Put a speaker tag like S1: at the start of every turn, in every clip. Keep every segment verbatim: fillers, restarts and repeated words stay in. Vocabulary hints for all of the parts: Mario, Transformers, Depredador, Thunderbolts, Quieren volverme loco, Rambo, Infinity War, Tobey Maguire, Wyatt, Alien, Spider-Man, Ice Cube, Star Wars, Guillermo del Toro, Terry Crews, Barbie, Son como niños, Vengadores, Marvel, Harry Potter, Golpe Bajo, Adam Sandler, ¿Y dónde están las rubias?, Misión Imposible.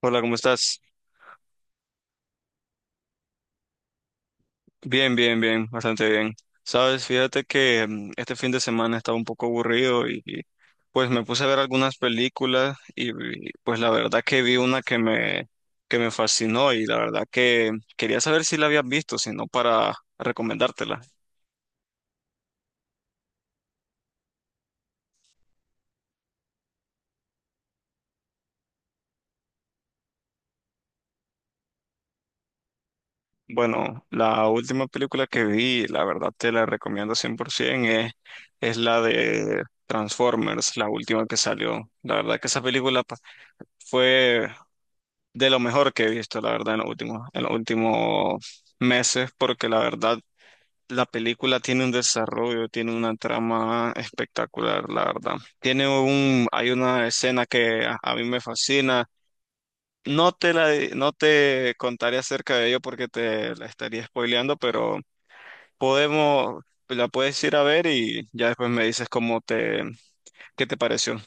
S1: Hola, ¿cómo estás? Bien, bien, bien, bastante bien. Sabes, fíjate que mm, este fin de semana estaba un poco aburrido y, y, pues me puse a ver algunas películas y, y, pues la verdad que vi una que me, que me fascinó y la verdad que quería saber si la habías visto, si no para recomendártela. Bueno, la última película que vi, la verdad te la recomiendo cien por ciento, es, es la de Transformers, la última que salió. La verdad que esa película pa- fue de lo mejor que he visto, la verdad, en los últimos, en los últimos meses, porque la verdad, la película tiene un desarrollo, tiene una trama espectacular, la verdad. Tiene un, hay una escena que a, a mí me fascina. No te la, di- no te contaré acerca de ello porque te la estaría spoileando, pero podemos, la puedes ir a ver y ya después me dices cómo te, qué te pareció.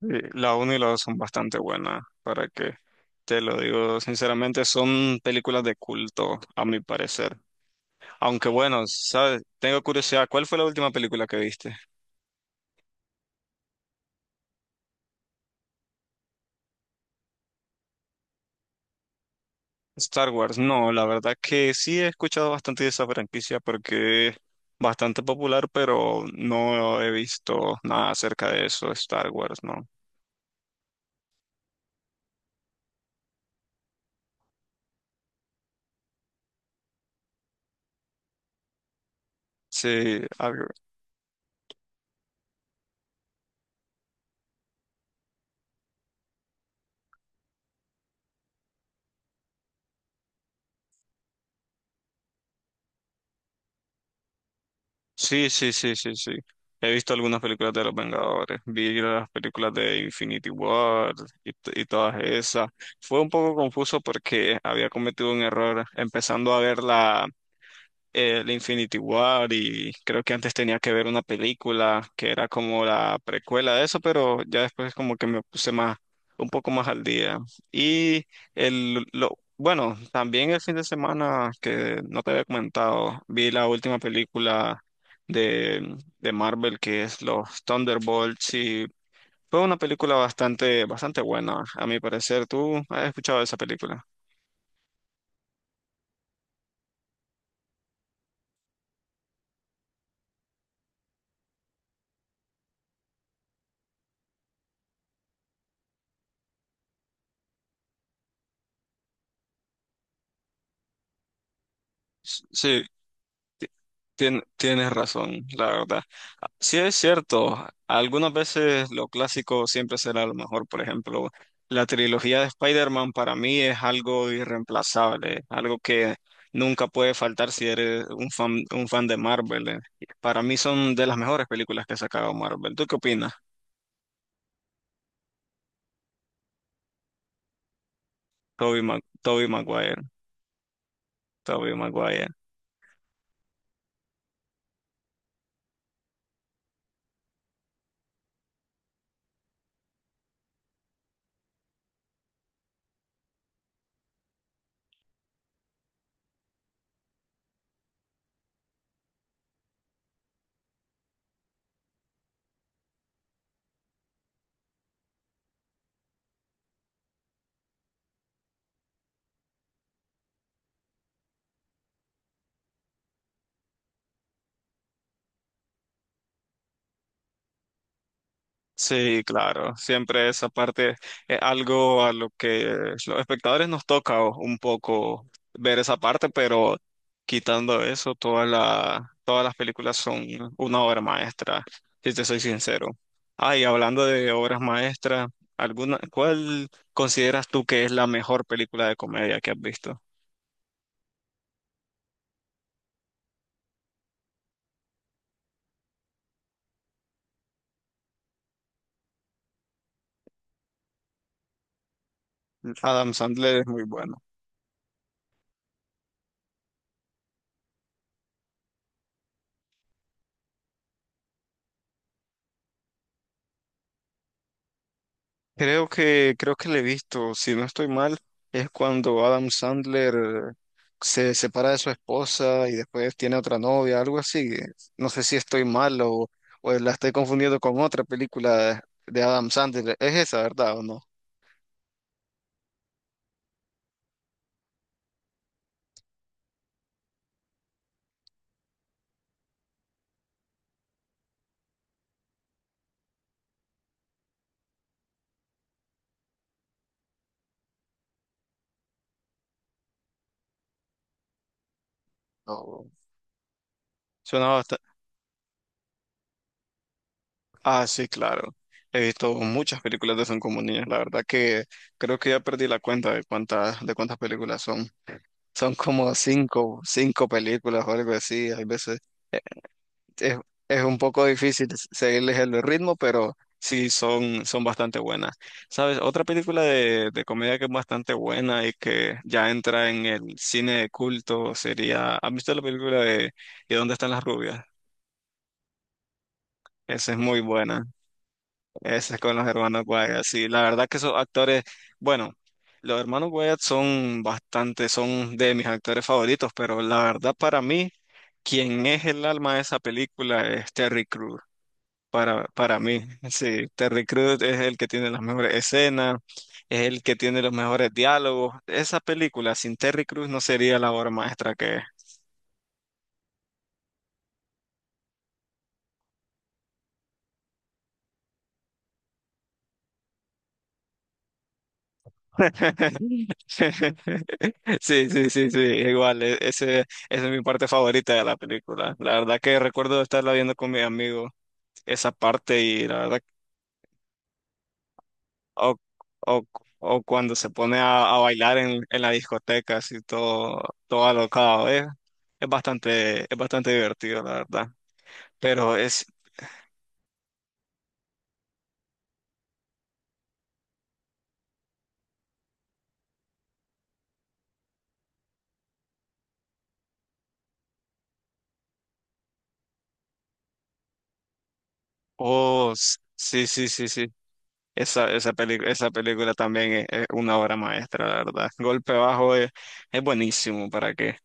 S1: Sí, la uno y la dos son bastante buenas, para que te lo digo sinceramente, son películas de culto, a mi parecer. Aunque bueno, ¿sabes? Tengo curiosidad, ¿cuál fue la última película que viste? Star Wars. No, la verdad que sí he escuchado bastante de esa franquicia porque es bastante popular, pero no he visto nada acerca de eso, Star Wars, ¿no? Sí, algo- sí, sí, sí, sí, sí. He visto algunas películas de los Vengadores, vi las películas de Infinity War y, t- y todas esas. Fue un poco confuso porque había cometido un error empezando a verla el Infinity War y creo que antes tenía que ver una película que era como la precuela de eso, pero ya después como que me puse más, un poco más al día. Y el, lo, bueno, también el fin de semana que no te había comentado, vi la última película de, de Marvel que es los Thunderbolts y fue una película bastante, bastante buena, a mi parecer. ¿Tú has escuchado esa película? S- Sí. Tien- tienes razón, la verdad. Ah, sí es cierto, algunas veces lo clásico siempre será lo mejor. Por ejemplo, la trilogía de Spider-Man para mí es algo irreemplazable, algo que nunca puede faltar si eres un fan, un fan de Marvel. eh. Para mí son de las mejores películas que ha sacado Marvel. ¿Tú qué opinas? Toby Maguire, Tobey Maguire. Sí, claro, siempre esa parte es algo a lo que los espectadores nos toca o- un poco ver esa parte, pero quitando eso, toda la, todas las películas son una obra maestra, si te soy sincero. Ah, y hablando de obras maestras, alguna, ¿cuál consideras tú que es la mejor película de comedia que has visto? Adam Sandler es muy bueno. Creo que, creo que le he visto, si no estoy mal, es cuando Adam Sandler eh, se separa de su esposa y después tiene otra novia, algo así. No sé si estoy mal o, o la estoy confundiendo con otra película de Adam Sandler. Es esa, ¿verdad o no? No. Suena bastante. Ah, sí, claro. He visto muchas películas de Son como niños. La verdad que creo que ya perdí la cuenta de cuántas, de cuántas películas son. Son como cinco, cinco películas o algo así. Hay veces. es, es un poco difícil seguirles el ritmo, pero sí son, son bastante buenas. ¿Sabes? Otra película de, de comedia que es bastante buena y que ya entra en el cine de culto sería, ¿has visto la película de ¿y dónde están las rubias? Esa es muy buena. Esa es con los hermanos Wyatt. Sí, la verdad que esos actores, bueno, los hermanos Wyatt son bastante, son de mis actores favoritos, pero la verdad para mí, quien es el alma de esa película es Terry Crews. para, para mí. Sí, Terry Crews es el que tiene las mejores escenas, es el que tiene los mejores diálogos. Esa película sin Terry Crews no sería la obra maestra que es. Sí, sí, sí, sí, igual, e- ese, esa es mi parte favorita de la película. La verdad que recuerdo estarla viendo con mi amigo esa parte y la verdad, o, o, o cuando se pone a, a bailar en, en la discoteca, así todo, todo alocado, es, es bastante, es bastante divertido, la verdad. Pero es, oh, s- sí, sí, sí, sí. Esa, esa película, esa película también es, es una obra maestra, la verdad. Golpe Bajo es, es buenísimo, ¿para qué?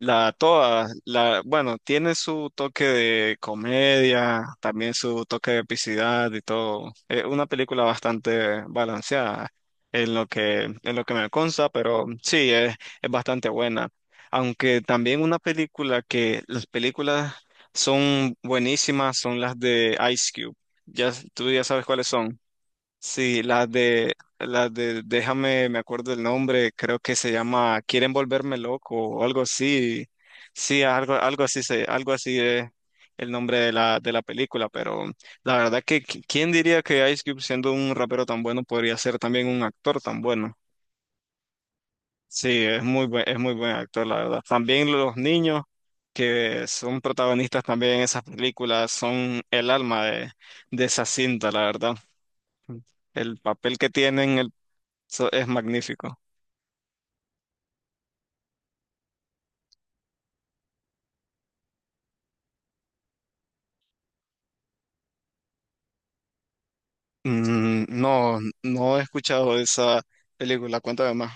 S1: La toda, la, bueno, tiene su toque de comedia, también su toque de epicidad y todo. Es una película bastante balanceada en lo que, en lo que me consta, pero sí, es, es bastante buena. Aunque también una película que las películas son buenísimas son las de Ice Cube. Ya, tú ya sabes cuáles son. Sí, las de, las de, déjame, me acuerdo el nombre, creo que se llama Quieren volverme loco o algo así. Sí, algo, algo así se, algo así es el nombre de la, de la película, pero la verdad que qui- quién diría que Ice Cube siendo un rapero tan bueno podría ser también un actor tan bueno. Sí, es muy buen, es muy buen actor, la verdad. También los niños que son protagonistas también en esas películas son el alma de, de esa cinta, la verdad. El papel que tienen, el eso es magnífico. Mm, no, no he escuchado esa película. Cuéntame más.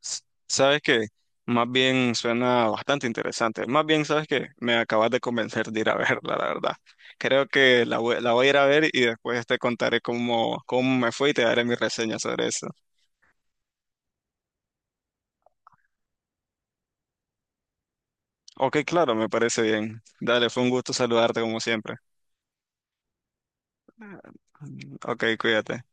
S1: S- ¿Sabes qué? Más bien suena bastante interesante. Más bien, ¿sabes qué? Me acabas de convencer de ir a verla, la verdad. Creo que la voy, la voy a ir a ver y después te contaré cómo, cómo me fue y te daré mi reseña sobre eso. Ok, claro, me parece bien. Dale, fue un gusto saludarte como siempre. Ok, cuídate.